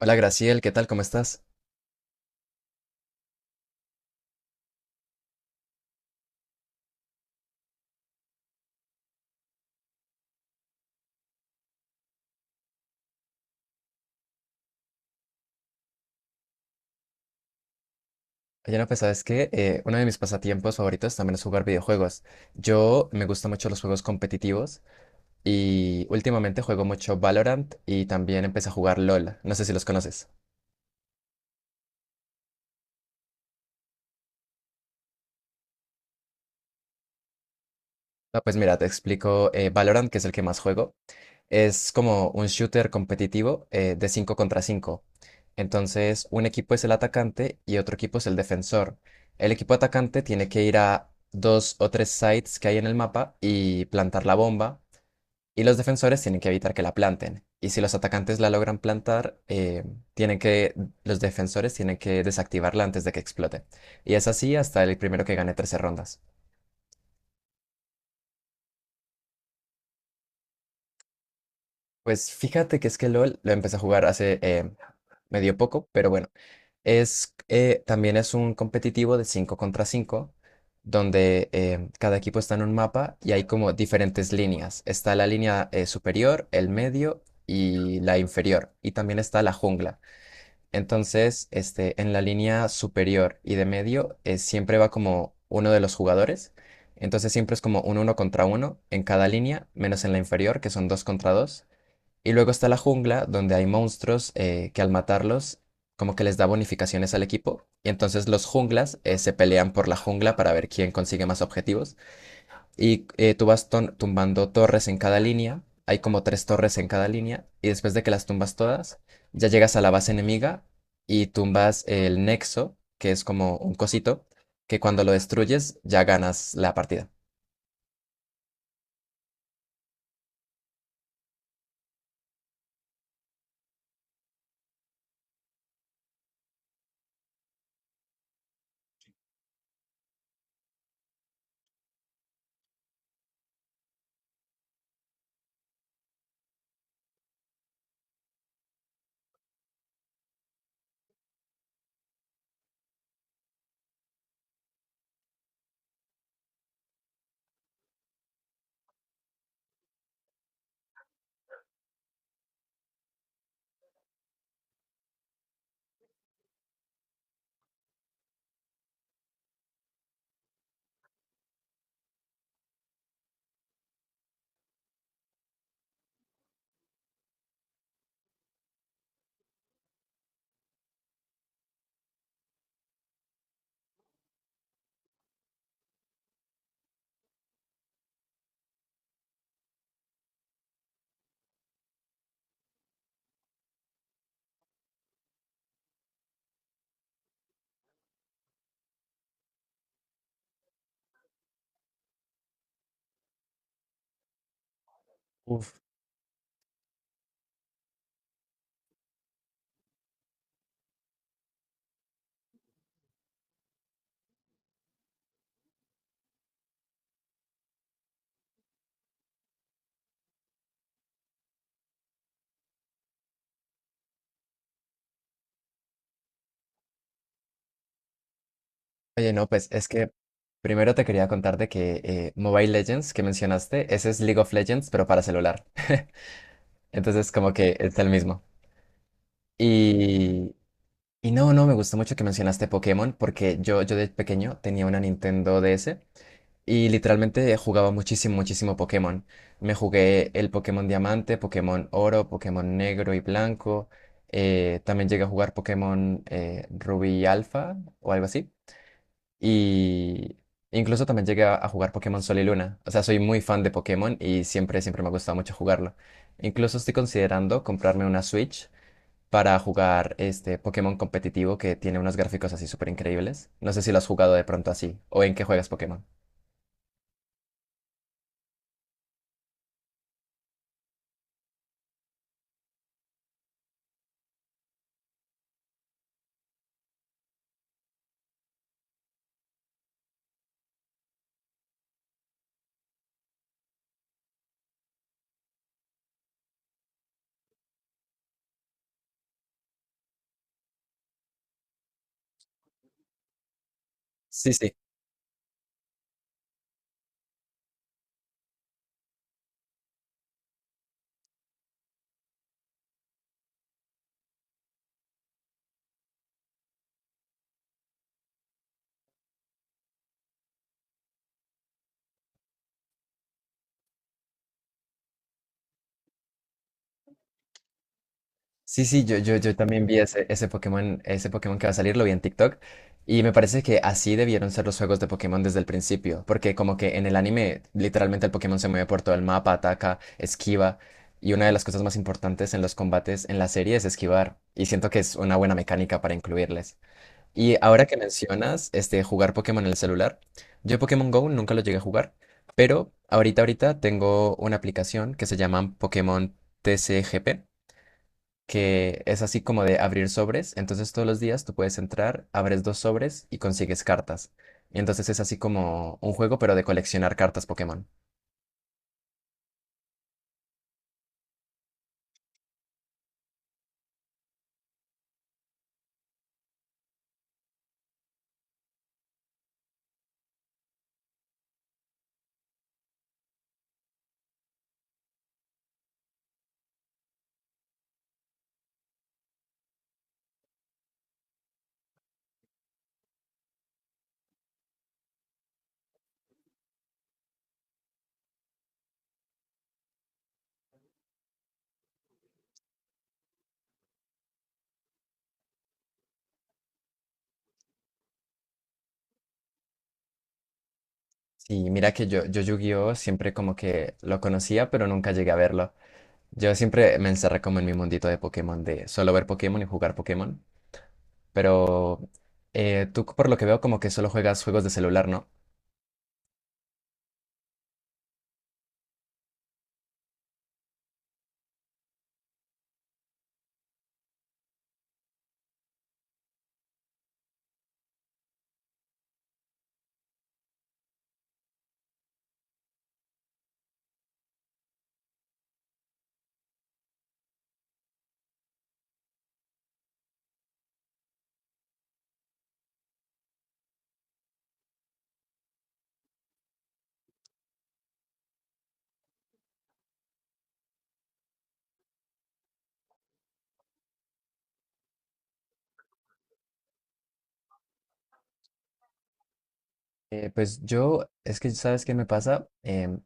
Hola Graciel, ¿qué tal? ¿Cómo estás? Oye, no, pues sabes que uno de mis pasatiempos favoritos también es jugar videojuegos. Yo me gustan mucho los juegos competitivos y últimamente juego mucho Valorant y también empecé a jugar LOL. No sé si los conoces. No, pues mira, te explico. Valorant, que es el que más juego, es como un shooter competitivo de 5 contra 5. Entonces, un equipo es el atacante y otro equipo es el defensor. El equipo atacante tiene que ir a dos o tres sites que hay en el mapa y plantar la bomba. Y los defensores tienen que evitar que la planten. Y si los atacantes la logran plantar, tienen que, los defensores tienen que desactivarla antes de que explote. Y es así hasta el primero que gane 13 rondas. Pues fíjate que es que LOL lo empecé a jugar hace medio poco, pero bueno. Es, también es un competitivo de 5 contra 5 donde cada equipo está en un mapa y hay como diferentes líneas. Está la línea superior, el medio y la inferior. Y también está la jungla. Entonces, este, en la línea superior y de medio siempre va como uno de los jugadores. Entonces siempre es como un uno contra uno en cada línea, menos en la inferior, que son dos contra dos. Y luego está la jungla, donde hay monstruos que al matarlos, como que les da bonificaciones al equipo. Y entonces los junglas se pelean por la jungla para ver quién consigue más objetivos. Y tú vas tumbando torres en cada línea. Hay como tres torres en cada línea. Y después de que las tumbas todas, ya llegas a la base enemiga y tumbas el nexo, que es como un cosito, que cuando lo destruyes ya ganas la partida. Uf. Oye, no, pues es que primero te quería contar de que Mobile Legends que mencionaste, ese es League of Legends, pero para celular. Entonces, como que es el mismo. Y, y no, no, me gustó mucho que mencionaste Pokémon, porque yo de pequeño tenía una Nintendo DS. Y literalmente jugaba muchísimo, muchísimo Pokémon. Me jugué el Pokémon Diamante, Pokémon Oro, Pokémon Negro y Blanco. También llegué a jugar Pokémon Rubí y Alfa o algo así. Y incluso también llegué a jugar Pokémon Sol y Luna. O sea, soy muy fan de Pokémon y siempre, siempre me ha gustado mucho jugarlo. Incluso estoy considerando comprarme una Switch para jugar este Pokémon competitivo que tiene unos gráficos así súper increíbles. No sé si lo has jugado de pronto así o en qué juegas Pokémon. Sí, sí. Sí, sí, yo también vi ese, ese Pokémon que va a salir, lo vi en TikTok, y me parece que así debieron ser los juegos de Pokémon desde el principio, porque como que en el anime literalmente el Pokémon se mueve por todo el mapa, ataca, esquiva, y una de las cosas más importantes en los combates en la serie es esquivar, y siento que es una buena mecánica para incluirles. Y ahora que mencionas, este, jugar Pokémon en el celular, yo Pokémon Go nunca lo llegué a jugar, pero ahorita tengo una aplicación que se llama Pokémon TCGP, que es así como de abrir sobres. Entonces todos los días tú puedes entrar, abres dos sobres y consigues cartas. Y entonces es así como un juego, pero de coleccionar cartas Pokémon. Y mira que yo Yu-Gi-Oh siempre como que lo conocía, pero nunca llegué a verlo. Yo siempre me encerré como en mi mundito de Pokémon, de solo ver Pokémon y jugar Pokémon. Pero tú por lo que veo como que solo juegas juegos de celular, ¿no? Pues yo, es que ¿sabes qué me pasa?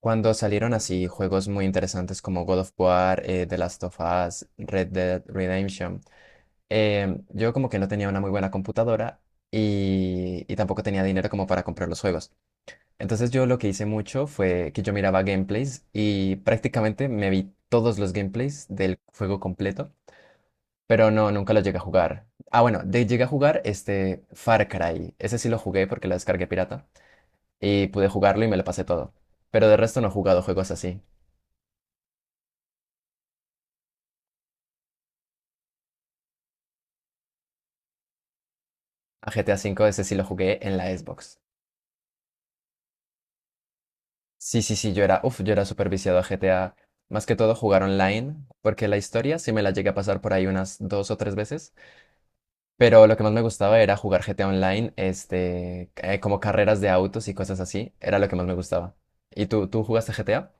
Cuando salieron así juegos muy interesantes como God of War, The Last of Us, Red Dead Redemption, yo como que no tenía una muy buena computadora y tampoco tenía dinero como para comprar los juegos. Entonces yo lo que hice mucho fue que yo miraba gameplays y prácticamente me vi todos los gameplays del juego completo, pero no, nunca lo llegué a jugar. Ah, bueno, de, llegué a jugar este Far Cry. Ese sí lo jugué porque lo descargué pirata y pude jugarlo y me lo pasé todo. Pero de resto no he jugado juegos así. A GTA cinco ese sí lo jugué en la Xbox. Sí, sí, sí, yo era, uf, yo era súper viciado a GTA. Más que todo jugar online, porque la historia sí me la llegué a pasar por ahí unas dos o tres veces. Pero lo que más me gustaba era jugar GTA Online, este, como carreras de autos y cosas así. Era lo que más me gustaba. ¿Y tú jugaste GTA?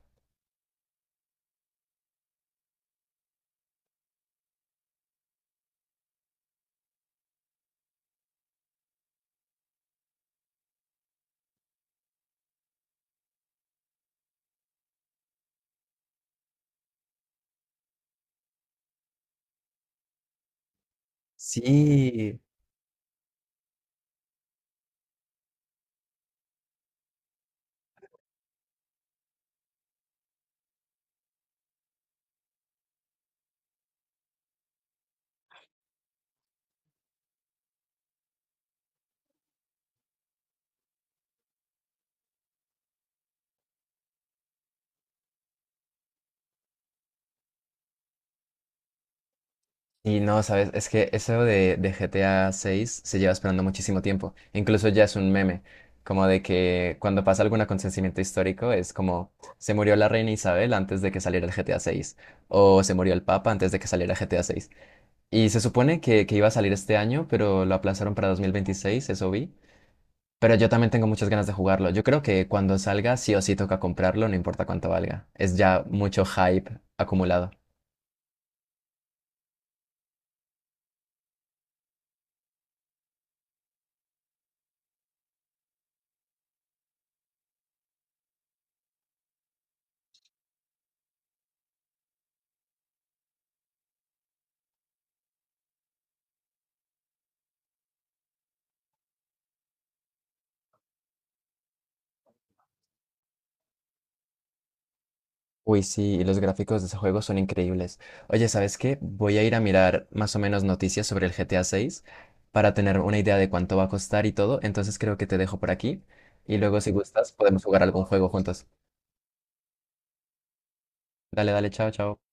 Sí. Y no, sabes, es que eso de GTA 6 se lleva esperando muchísimo tiempo. Incluso ya es un meme, como de que cuando pasa algún acontecimiento histórico es como: se murió la reina Isabel antes de que saliera el GTA 6, o se murió el Papa antes de que saliera GTA 6. Y se supone que iba a salir este año, pero lo aplazaron para 2026, eso vi. Pero yo también tengo muchas ganas de jugarlo. Yo creo que cuando salga sí o sí toca comprarlo, no importa cuánto valga. Es ya mucho hype acumulado. Uy, sí, y los gráficos de ese juego son increíbles. Oye, ¿sabes qué? Voy a ir a mirar más o menos noticias sobre el GTA 6 para tener una idea de cuánto va a costar y todo. Entonces creo que te dejo por aquí y luego si gustas podemos jugar algún juego juntos. Dale, dale, chao, chao.